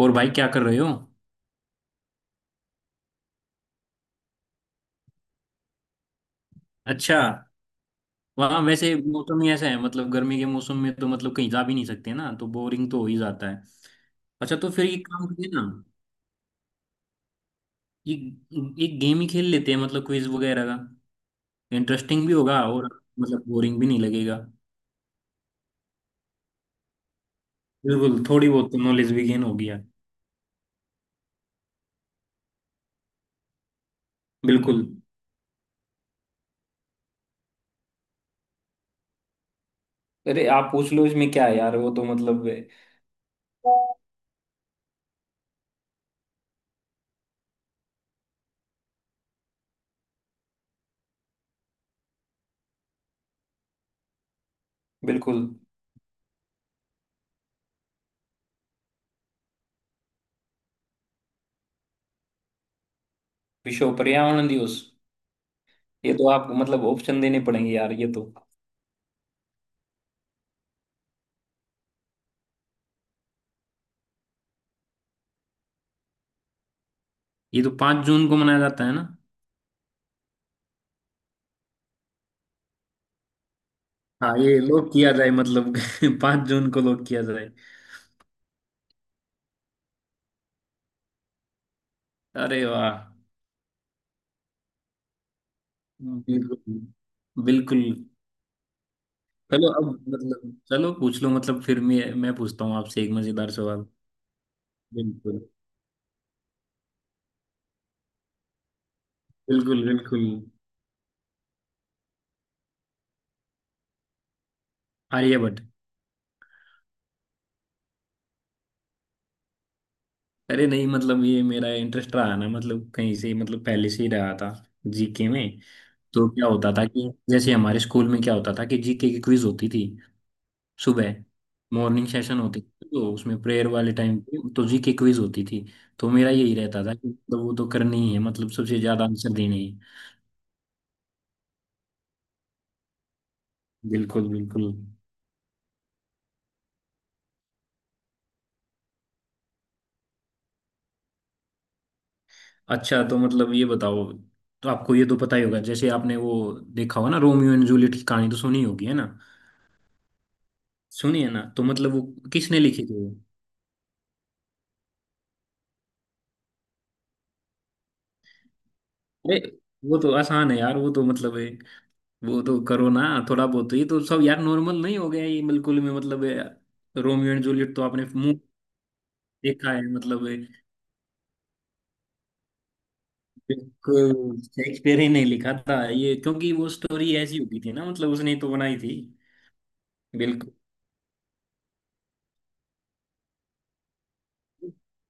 और भाई क्या कर रहे हो? अच्छा। वहाँ वैसे मौसम ही ऐसा है मतलब गर्मी के मौसम में तो मतलब कहीं जा भी नहीं सकते ना तो बोरिंग तो हो ही जाता है। अच्छा तो फिर ये काम करिए ना। ये एक गेम ही खेल लेते हैं मतलब क्विज वगैरह का। इंटरेस्टिंग भी होगा और मतलब बोरिंग भी नहीं लगेगा। बिल्कुल, थोड़ी बहुत तो नॉलेज भी गेन हो गया। बिल्कुल। अरे आप पूछ लो इसमें क्या है यार वो तो मतलब। बिल्कुल। विश्व पर्यावरण दिवस। ये तो आप मतलब ऑप्शन देने पड़ेंगे यार ये तो। ये तो 5 जून को मनाया जाता है ना? हाँ, ये लोग किया जाए मतलब। 5 जून को लोग किया जाए। अरे वाह। बिल्कुल। बिल्कुल। चलो अब मतलब, चलो पूछ लो मतलब फिर मैं पूछता हूँ आपसे एक मजेदार सवाल। बिल्कुल। बिल्कुल। बिल्कुल। आर्यभट्ट। अरे नहीं मतलब ये मेरा इंटरेस्ट रहा ना मतलब कहीं से मतलब पहले से ही रहा था, जीके में। तो क्या होता था कि जैसे हमारे स्कूल में क्या होता था कि जीके की क्विज होती थी सुबह, मॉर्निंग सेशन होती थी तो उसमें प्रेयर वाले टाइम पे तो जी के क्विज होती थी। तो मेरा यही रहता था कि मतलब वो तो करनी ही है मतलब सबसे ज्यादा आंसर देने हैं। बिल्कुल बिल्कुल। अच्छा तो मतलब ये बताओ, तो आपको ये तो पता ही होगा जैसे आपने वो देखा होगा ना, रोमियो एंड जूलियट की कहानी तो सुनी होगी है ना? सुनी है ना, तो मतलब वो किसने लिखी थी वो? अरे वो तो आसान है यार वो तो मतलब है, वो तो करो ना। थोड़ा बहुत तो। ये तो सब यार नॉर्मल नहीं हो गया ये बिल्कुल में मतलब है, रोमियो एंड जूलियट तो आपने देखा है मतलब। बिल्कुल शेक्सपियर ही ने लिखा था ये क्योंकि वो स्टोरी ऐसी होती थी ना मतलब उसने तो बनाई थी। बिल्कुल।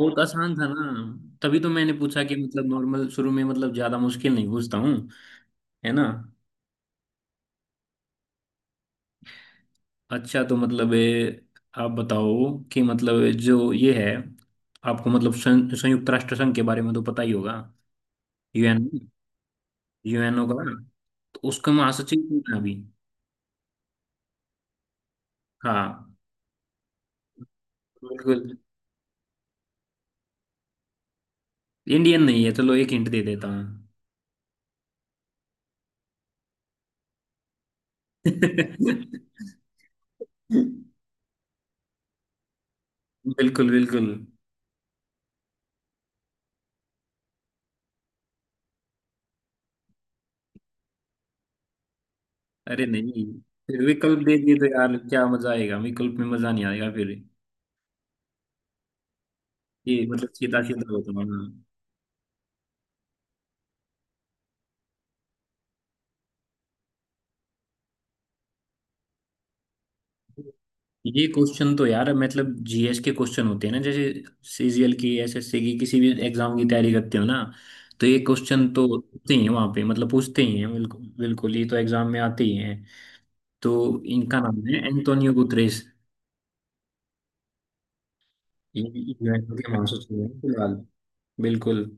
बहुत आसान था ना? तभी तो मैंने पूछा कि मतलब नॉर्मल शुरू में मतलब ज्यादा मुश्किल नहीं पूछता हूँ, है ना? अच्छा तो मतलब आप बताओ कि मतलब जो ये है, आपको मतलब संयुक्त राष्ट्र संघ के बारे में तो पता ही होगा, यूएन, यूएनओ का। तो उसका महासचिव कौन है अभी? हाँ। बिल्कुल। इंडियन नहीं है चलो एक हिंट दे देता हूँ। बिल्कुल। बिल्कुल। अरे नहीं, फिर विकल्प देंगे तो यार क्या मजा आएगा, विकल्प में मजा नहीं आएगा फिर। ये मतलब सीधा सीधा होता है हाँ। ये क्वेश्चन तो यार मतलब जीएस के क्वेश्चन होते हैं ना, जैसे सीजीएल की, एसएससी की, किसी भी एग्जाम की तैयारी करते हो ना, तो ये क्वेश्चन तो होते ही हैं वहाँ पे, मतलब पूछते ही हैं, बिल्कुल बिल्कुल ये तो एग्जाम में आते ही हैं। तो इनका नाम है एंटोनियो गुतरेस। ये यूएन के महासचिव हैं फिलहाल। बिल्कुल।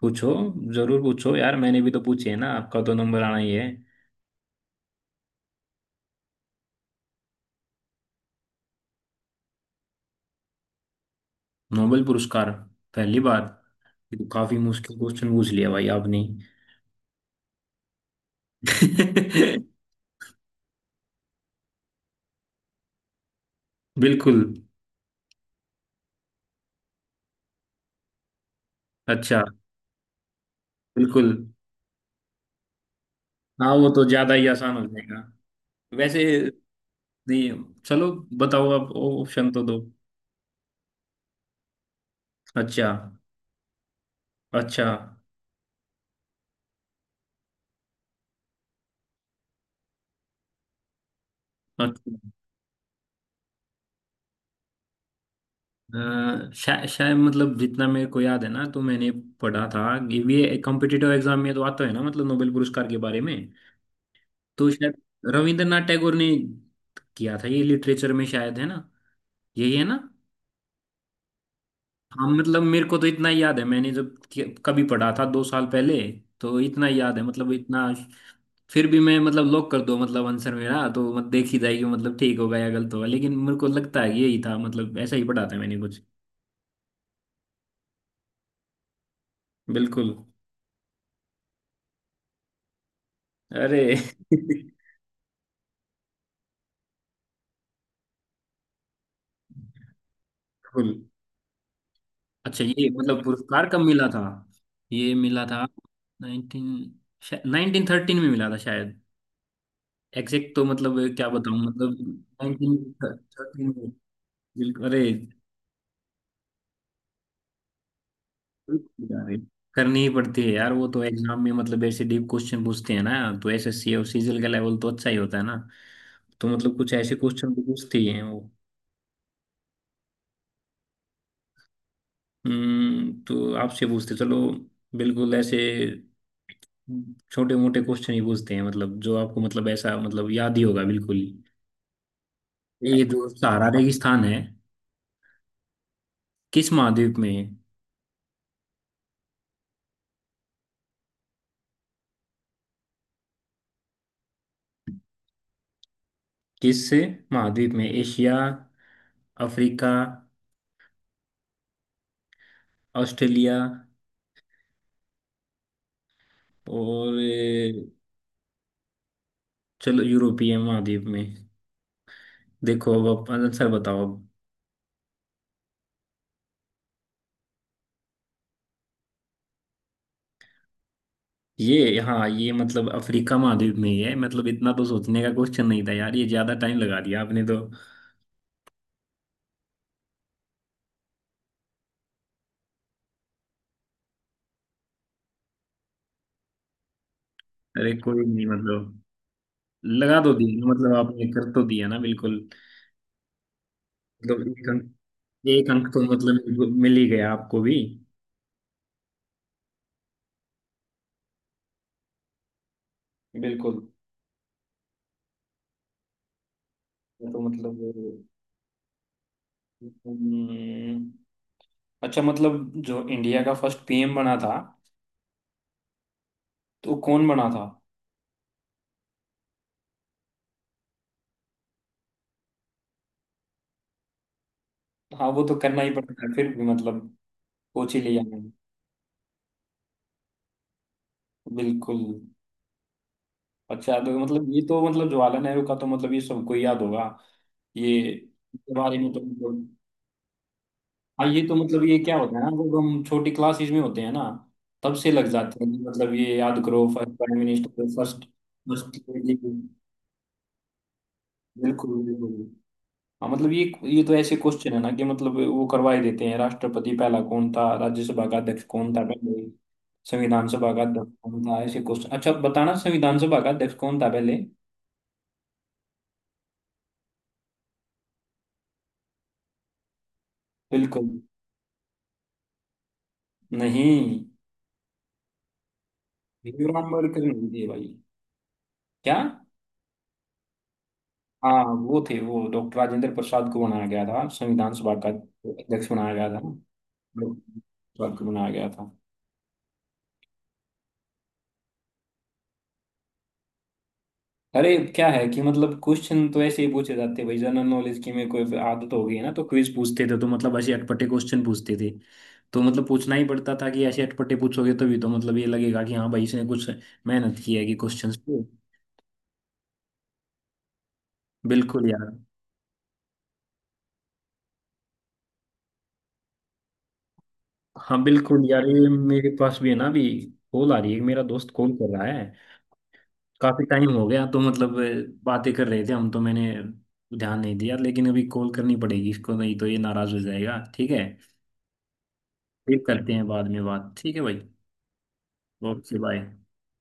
पूछो, जरूर पूछो यार मैंने भी तो पूछी है ना, आपका तो नंबर आना ही है। नोबेल पुरस्कार, पहली बार, ये तो काफी मुश्किल क्वेश्चन पूछ लिया भाई आपने। बिल्कुल। अच्छा। बिल्कुल। हाँ वो तो ज्यादा ही आसान हो जाएगा। वैसे, नहीं, चलो बताओ, आप ऑप्शन तो दो। अच्छा। अच्छा। अच्छा। शायद मतलब जितना मेरे को याद है ना तो मैंने पढ़ा था कि ये कॉम्पिटिटिव एग्जाम में तो आता है ना मतलब नोबेल पुरस्कार के बारे में। तो शायद रविंद्रनाथ टैगोर ने किया था ये, लिटरेचर में शायद, है ना? यही है ना? हाँ मतलब मेरे को तो इतना याद है, मैंने जब कभी पढ़ा था 2 साल पहले, तो इतना याद है मतलब इतना। फिर भी मैं मतलब लॉक कर दो, मतलब आंसर मेरा तो मत देखी जाएगी मतलब ठीक होगा या गलत होगा, लेकिन मेरे को लगता है यही था मतलब ऐसा ही पढ़ा था मैंने कुछ। बिल्कुल। अरे। बिल्कुल। अच्छा ये मतलब पुरस्कार कब मिला था? ये मिला था नाइनटीन नाइनटीन थर्टीन में मिला था शायद। एग्जैक्ट तो मतलब क्या बताऊं, मतलब 1913 में। बिल्कुल। अरे। अरे, करनी ही पड़ती है यार वो तो, एग्जाम में मतलब ऐसे डीप क्वेश्चन पूछते हैं ना, तो एसएससी और सीजीएल का लेवल तो अच्छा ही होता है ना, तो मतलब कुछ ऐसे क्वेश्चन तो पूछते ही हैं वो। तो आपसे पूछते चलो, बिल्कुल ऐसे छोटे मोटे क्वेश्चन ही पूछते हैं मतलब जो आपको मतलब ऐसा मतलब याद ही होगा बिल्कुल ही। ये जो सहारा रेगिस्तान है, किस महाद्वीप में है? किस महाद्वीप में, एशिया, अफ्रीका, ऑस्ट्रेलिया, और चलो यूरोपीय महाद्वीप में। देखो अब आप आंसर बताओ अब। ये हाँ ये मतलब अफ्रीका महाद्वीप में ही है, मतलब इतना तो सोचने का क्वेश्चन नहीं था यार ये, ज्यादा टाइम लगा दिया आपने तो। अरे कोई नहीं मतलब, लगा तो दिया मतलब, आपने कर तो दिया ना बिल्कुल। मतलब एक अंक, एक अंक तो मतलब मिल ही गया आपको भी। बिल्कुल। तो मतलब हम्म, अच्छा मतलब जो इंडिया का फर्स्ट पीएम बना था, तो वो कौन बना था? हाँ वो तो करना ही पड़ता है, फिर भी मतलब सोच ही लिया मैंने। बिल्कुल। अच्छा तो मतलब ये तो मतलब जवाहरलाल नेहरू का तो मतलब ये सबको याद होगा। ये इसके बारे में तो मतलब, हाँ ये तो मतलब, ये क्या होता है ना जब हम छोटी क्लासेस में होते हैं ना, तब से लग जाते हैं कि मतलब ये याद करो, first prime minister, first, first lady. बिल्कुल बिल्कुल। हाँ मतलब ये तो ऐसे क्वेश्चन है ना कि मतलब वो करवा ही देते हैं, राष्ट्रपति पहला कौन था, राज्यसभा का अध्यक्ष कौन था पहले, संविधान सभा का अध्यक्ष कौन था, ऐसे क्वेश्चन। अच्छा बताना, संविधान सभा का अध्यक्ष कौन था पहले? बिल्कुल। नहीं, भीमराव अम्बेडकर नहीं थे भाई। क्या, हाँ वो थे, वो डॉक्टर राजेंद्र प्रसाद को बनाया गया था संविधान सभा का अध्यक्ष बनाया गया था, डॉक्टर प्रसाद को बनाया गया था। अरे क्या है कि मतलब क्वेश्चन तो ऐसे ही पूछे जाते हैं भाई, जनरल नॉलेज की मेरे को आदत हो गई है ना, तो क्विज पूछते थे तो मतलब ऐसे अटपटे क्वेश्चन पूछते थे। तो मतलब पूछना ही पड़ता था कि ऐसे अटपटे पूछोगे तभी तो मतलब ये लगेगा कि हाँ भाई इसने कुछ मेहनत की है कि क्वेश्चंस पे। बिल्कुल यार। हाँ बिल्कुल यार, ये मेरे पास भी है ना अभी कॉल आ रही है, मेरा दोस्त कॉल कर रहा है। काफी टाइम हो गया तो मतलब बातें कर रहे थे हम तो मैंने ध्यान नहीं दिया, लेकिन अभी कॉल करनी पड़ेगी इसको, नहीं तो ये नाराज हो जाएगा, ठीक है? फिर करते हैं बाद में बात, ठीक है भाई। वो किस लायन